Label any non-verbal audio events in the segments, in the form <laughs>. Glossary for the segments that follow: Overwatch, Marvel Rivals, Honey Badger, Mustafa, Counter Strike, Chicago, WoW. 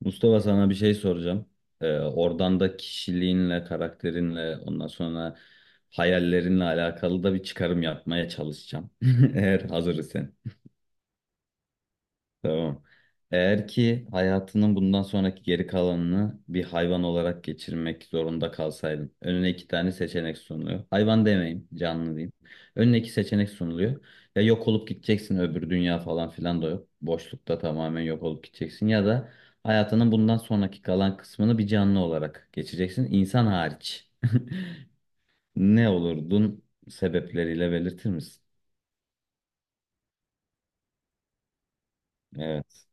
Mustafa sana bir şey soracağım. Oradan da kişiliğinle, karakterinle, ondan sonra hayallerinle alakalı da bir çıkarım yapmaya çalışacağım. <laughs> Eğer hazır isen. Tamam. Eğer ki hayatının bundan sonraki geri kalanını bir hayvan olarak geçirmek zorunda kalsaydın, önüne iki tane seçenek sunuluyor. Hayvan demeyeyim, canlı diyeyim. Önüne iki seçenek sunuluyor. Ya yok olup gideceksin, öbür dünya falan filan da yok. Boşlukta tamamen yok olup gideceksin. Ya da hayatının bundan sonraki kalan kısmını bir canlı olarak geçeceksin, insan hariç. <laughs> Ne olurdun, sebepleriyle belirtir misin? Evet.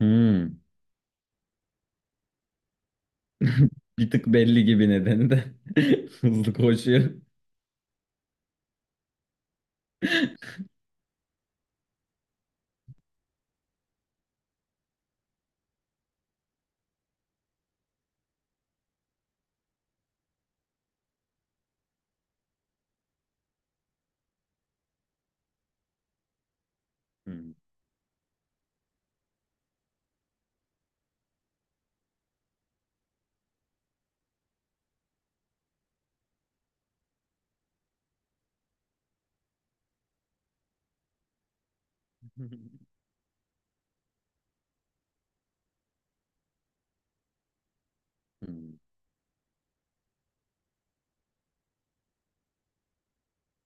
Hmm. <laughs> Bir tık belli gibi nedeni de <laughs> hızlı koşuyor. Hmm. Hmm.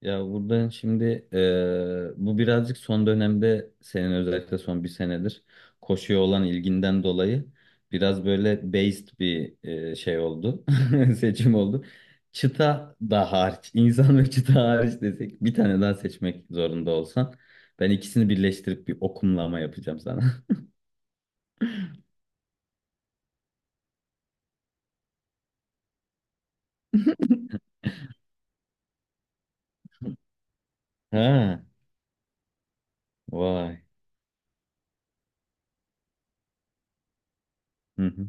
Ya buradan şimdi bu birazcık son dönemde senin özellikle son bir senedir koşuya olan ilginden dolayı biraz böyle based bir şey oldu. <laughs> Seçim oldu. Çıta da hariç, insan ve çıta hariç desek bir tane daha seçmek zorunda olsan ben ikisini birleştirip bir okumlama yapacağım sana. <laughs> Ha, vay. Hı hı,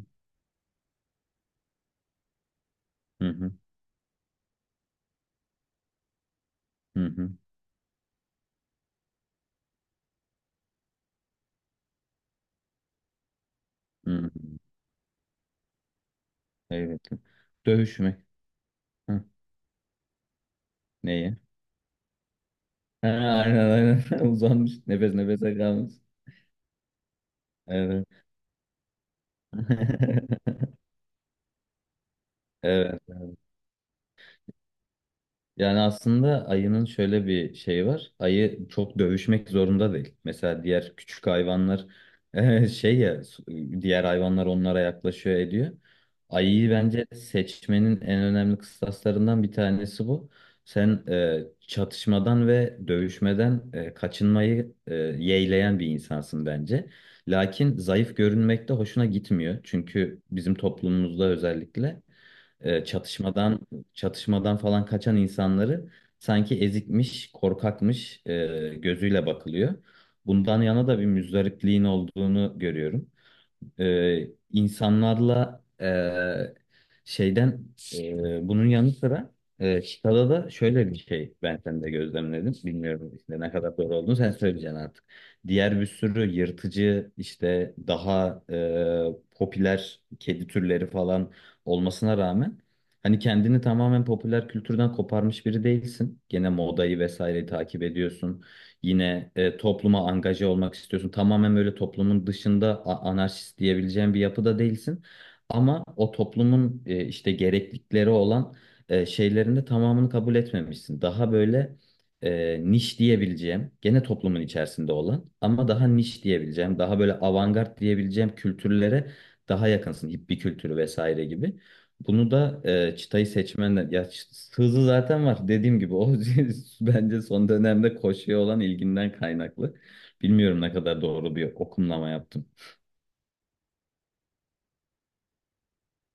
hı hı, hı hı. Hı-hı. Evet. Dövüşmek. Hı. Neye? Ha, aynen aynen. <laughs> Uzanmış. Nefes nefese kalmış. Evet. <laughs> Evet. Yani aslında ayının şöyle bir şeyi var. Ayı çok dövüşmek zorunda değil. Mesela diğer küçük hayvanlar <laughs> şey ya diğer hayvanlar onlara yaklaşıyor ediyor. Ayıyı bence seçmenin en önemli kıstaslarından bir tanesi bu. Sen çatışmadan ve dövüşmeden kaçınmayı yeğleyen bir insansın bence. Lakin zayıf görünmek de hoşuna gitmiyor. Çünkü bizim toplumumuzda özellikle e, çatışmadan çatışmadan falan kaçan insanları sanki ezikmiş, korkakmış gözüyle bakılıyor. Bundan yana da bir müzdarikliğin olduğunu görüyorum, insanlarla, şeyden, bunun yanı sıra Chicago'da da şöyle bir şey ben sende gözlemledim. Bilmiyorum işte ne kadar doğru olduğunu sen söyleyeceksin artık. Diğer bir sürü yırtıcı işte daha popüler kedi türleri falan olmasına rağmen hani kendini tamamen popüler kültürden koparmış biri değilsin. Gene modayı vesaireyi takip ediyorsun. Yine topluma angaje olmak istiyorsun. Tamamen böyle toplumun dışında anarşist diyebileceğin bir yapıda değilsin. Ama o toplumun işte gereklilikleri olan şeylerin de tamamını kabul etmemişsin. Daha böyle niş diyebileceğim, gene toplumun içerisinde olan ama daha niş diyebileceğim, daha böyle avantgard diyebileceğim kültürlere daha yakınsın. Hippie kültürü vesaire gibi. Bunu da çıtayı seçmenler ya hızı zaten var dediğim gibi o <laughs> bence son dönemde koşuya olan ilginden kaynaklı. Bilmiyorum ne kadar doğru bir okumlama yaptım.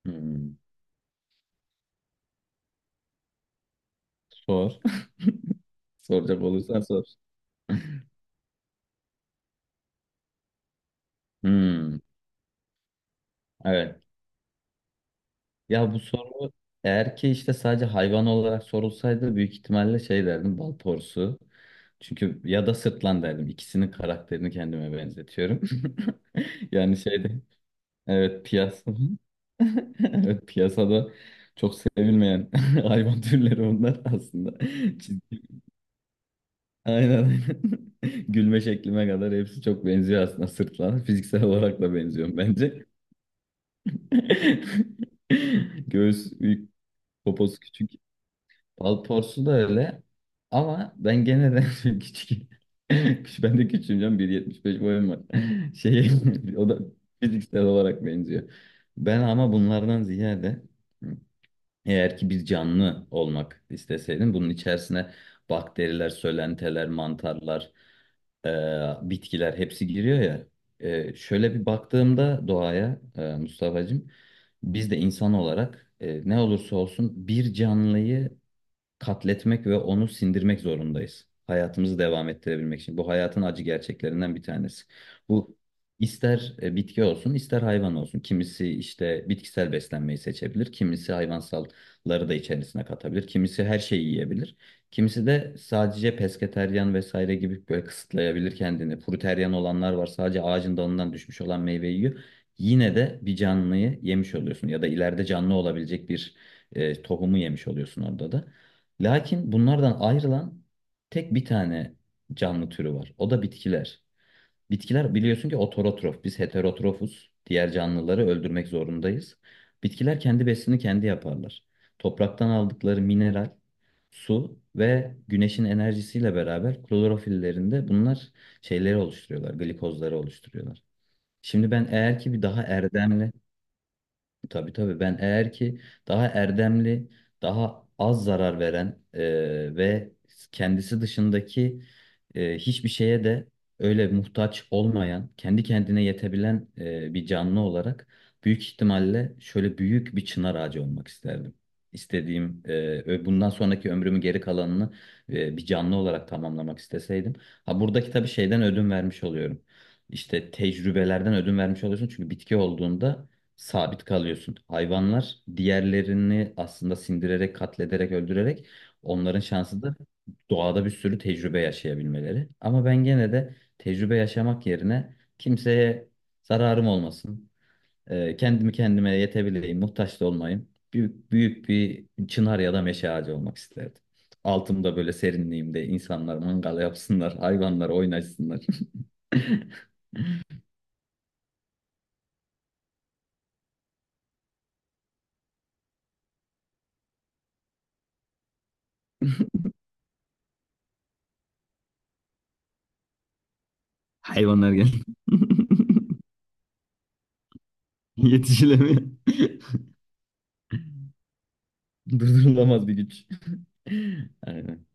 Hmm, sor. <laughs> Soracak olursan sor. Hmm, evet. Ya bu soru eğer ki işte sadece hayvan olarak sorulsaydı büyük ihtimalle şey derdim, bal porsu. Çünkü ya da sırtlan derdim. İkisinin karakterini kendime benzetiyorum. <laughs> Yani şeyde evet piyasa. <laughs> Evet, piyasada çok sevilmeyen <laughs> hayvan türleri onlar aslında. Çizgi. Aynen aynen. <laughs> Gülme şeklime kadar hepsi çok benziyor aslında sırtlan. Fiziksel olarak da benziyorum bence. <laughs> Göğüs büyük, poposu küçük. Balporsu da öyle. Ama ben gene de <laughs> küçük. Ben de küçüğüm canım. 1,75 boyum var. <laughs> Şey, <laughs> o da fiziksel olarak benziyor. Ben ama bunlardan ziyade eğer ki bir canlı olmak isteseydim bunun içerisine bakteriler, sölenteler, mantarlar, e, bitkiler hepsi giriyor ya. Şöyle bir baktığımda doğaya, Mustafa'cığım, biz de insan olarak ne olursa olsun bir canlıyı katletmek ve onu sindirmek zorundayız. Hayatımızı devam ettirebilmek için. Bu hayatın acı gerçeklerinden bir tanesi. Bu ister bitki olsun, ister hayvan olsun. Kimisi işte bitkisel beslenmeyi seçebilir, kimisi hayvansalları da içerisine katabilir, kimisi her şeyi yiyebilir. Kimisi de sadece pesketeryan vesaire gibi böyle kısıtlayabilir kendini. Fruteryan olanlar var, sadece ağacın dalından düşmüş olan meyveyi yiyor. Yine de bir canlıyı yemiş oluyorsun ya da ileride canlı olabilecek bir tohumu yemiş oluyorsun orada da. Lakin bunlardan ayrılan tek bir tane canlı türü var. O da bitkiler. Bitkiler biliyorsun ki ototrof. Biz heterotrofuz. Diğer canlıları öldürmek zorundayız. Bitkiler kendi besini kendi yaparlar. Topraktan aldıkları mineral, su ve güneşin enerjisiyle beraber klorofillerinde bunlar şeyleri oluşturuyorlar, glikozları oluşturuyorlar. Şimdi ben eğer ki bir daha erdemli tabii tabii ben eğer ki daha erdemli, daha az zarar veren ve kendisi dışındaki hiçbir şeye de öyle muhtaç olmayan, kendi kendine yetebilen bir canlı olarak büyük ihtimalle şöyle büyük bir çınar ağacı olmak isterdim. İstediğim, bundan sonraki ömrümü geri kalanını bir canlı olarak tamamlamak isteseydim. Ha buradaki tabii şeyden ödün vermiş oluyorum. İşte tecrübelerden ödün vermiş oluyorsun çünkü bitki olduğunda sabit kalıyorsun. Hayvanlar diğerlerini aslında sindirerek, katlederek, öldürerek onların şansı da doğada bir sürü tecrübe yaşayabilmeleri. Ama ben gene de tecrübe yaşamak yerine kimseye zararım olmasın, kendimi kendime yetebileyim, muhtaç da olmayayım. Büyük, büyük bir çınar ya da meşe ağacı olmak isterdim. Altımda böyle serinliğimde insanlar mangal yapsınlar, hayvanlar oynaşsınlar. <laughs> Hayvanlar gel. <laughs> Yetişilemiyor. <laughs> <laughs> Durdurulamaz bir güç. <laughs> Aynen.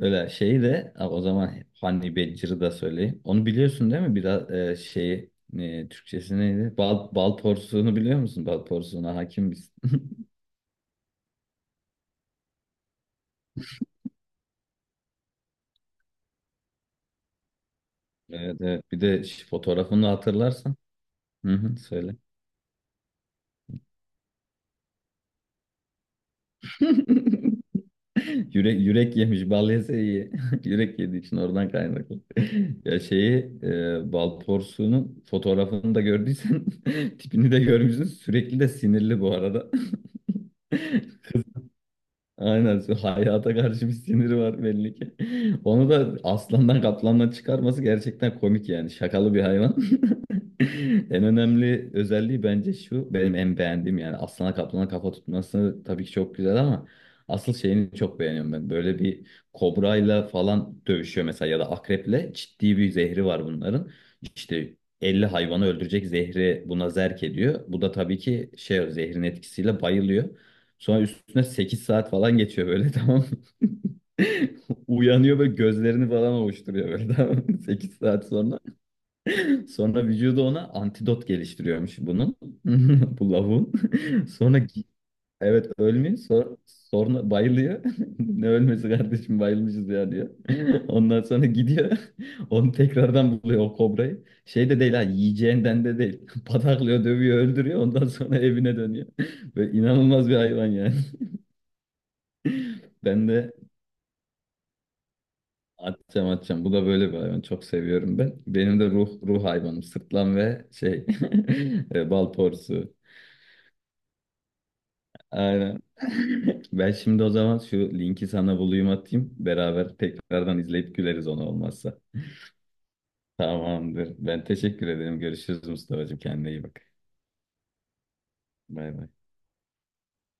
Öyle şey de ha, o zaman Honey Badger'ı da söyleyeyim. Onu biliyorsun değil mi? Biraz şeyi, Türkçesi neydi? Bal porsuğunu biliyor musun? Bal porsuğuna hakim misin? <laughs> Evet, evet. Bir de fotoğrafını hatırlarsan. Hı hı, söyle. <laughs> Yürek yemiş. Bal yese iyi. <laughs> Yürek yediği için oradan kaynaklı. <laughs> Ya şeyi, bal porsuğunun fotoğrafını da gördüysen <laughs> tipini de görmüşsün. Sürekli de sinirli bu arada. Aynen. Hayata karşı bir siniri var belli ki. <laughs> Onu da aslandan kaplandan çıkarması gerçekten komik yani. Şakalı bir hayvan. <laughs> En önemli özelliği bence şu, benim en beğendiğim, yani aslana kaplana kafa tutması tabii ki çok güzel ama asıl şeyini çok beğeniyorum ben. Böyle bir kobrayla falan dövüşüyor mesela ya da akreple, ciddi bir zehri var bunların. İşte 50 hayvanı öldürecek zehri buna zerk ediyor. Bu da tabii ki şey, zehrin etkisiyle bayılıyor. Sonra üstüne 8 saat falan geçiyor böyle <laughs> tamam mı? <laughs> Uyanıyor ve gözlerini falan ovuşturuyor böyle, tamam mı? <laughs> 8 saat sonra. Sonra vücudu ona antidot geliştiriyormuş bunun. <laughs> Bu lavuğun. <laughs> Sonra gi- evet, ölmüyor. Sonra bayılıyor. <laughs> Ne ölmesi kardeşim, bayılmışız ya diyor. <laughs> Ondan sonra gidiyor. <laughs> Onu tekrardan buluyor o kobrayı. Şey de değil ha, yiyeceğinden de değil. <laughs> Pataklıyor, dövüyor, öldürüyor. Ondan sonra evine dönüyor. <laughs> Böyle inanılmaz bir hayvan yani. <laughs> Ben de atacağım atacağım. Bu da böyle bir hayvan. Çok seviyorum ben. Benim de ruh hayvanım. Sırtlan ve şey <laughs> bal porsu. Aynen. <laughs> Ben şimdi o zaman şu linki sana bulayım atayım. Beraber tekrardan izleyip güleriz ona olmazsa. Tamamdır. Ben teşekkür ederim. Görüşürüz Mustafa'cığım. Kendine iyi bak. Bay bay.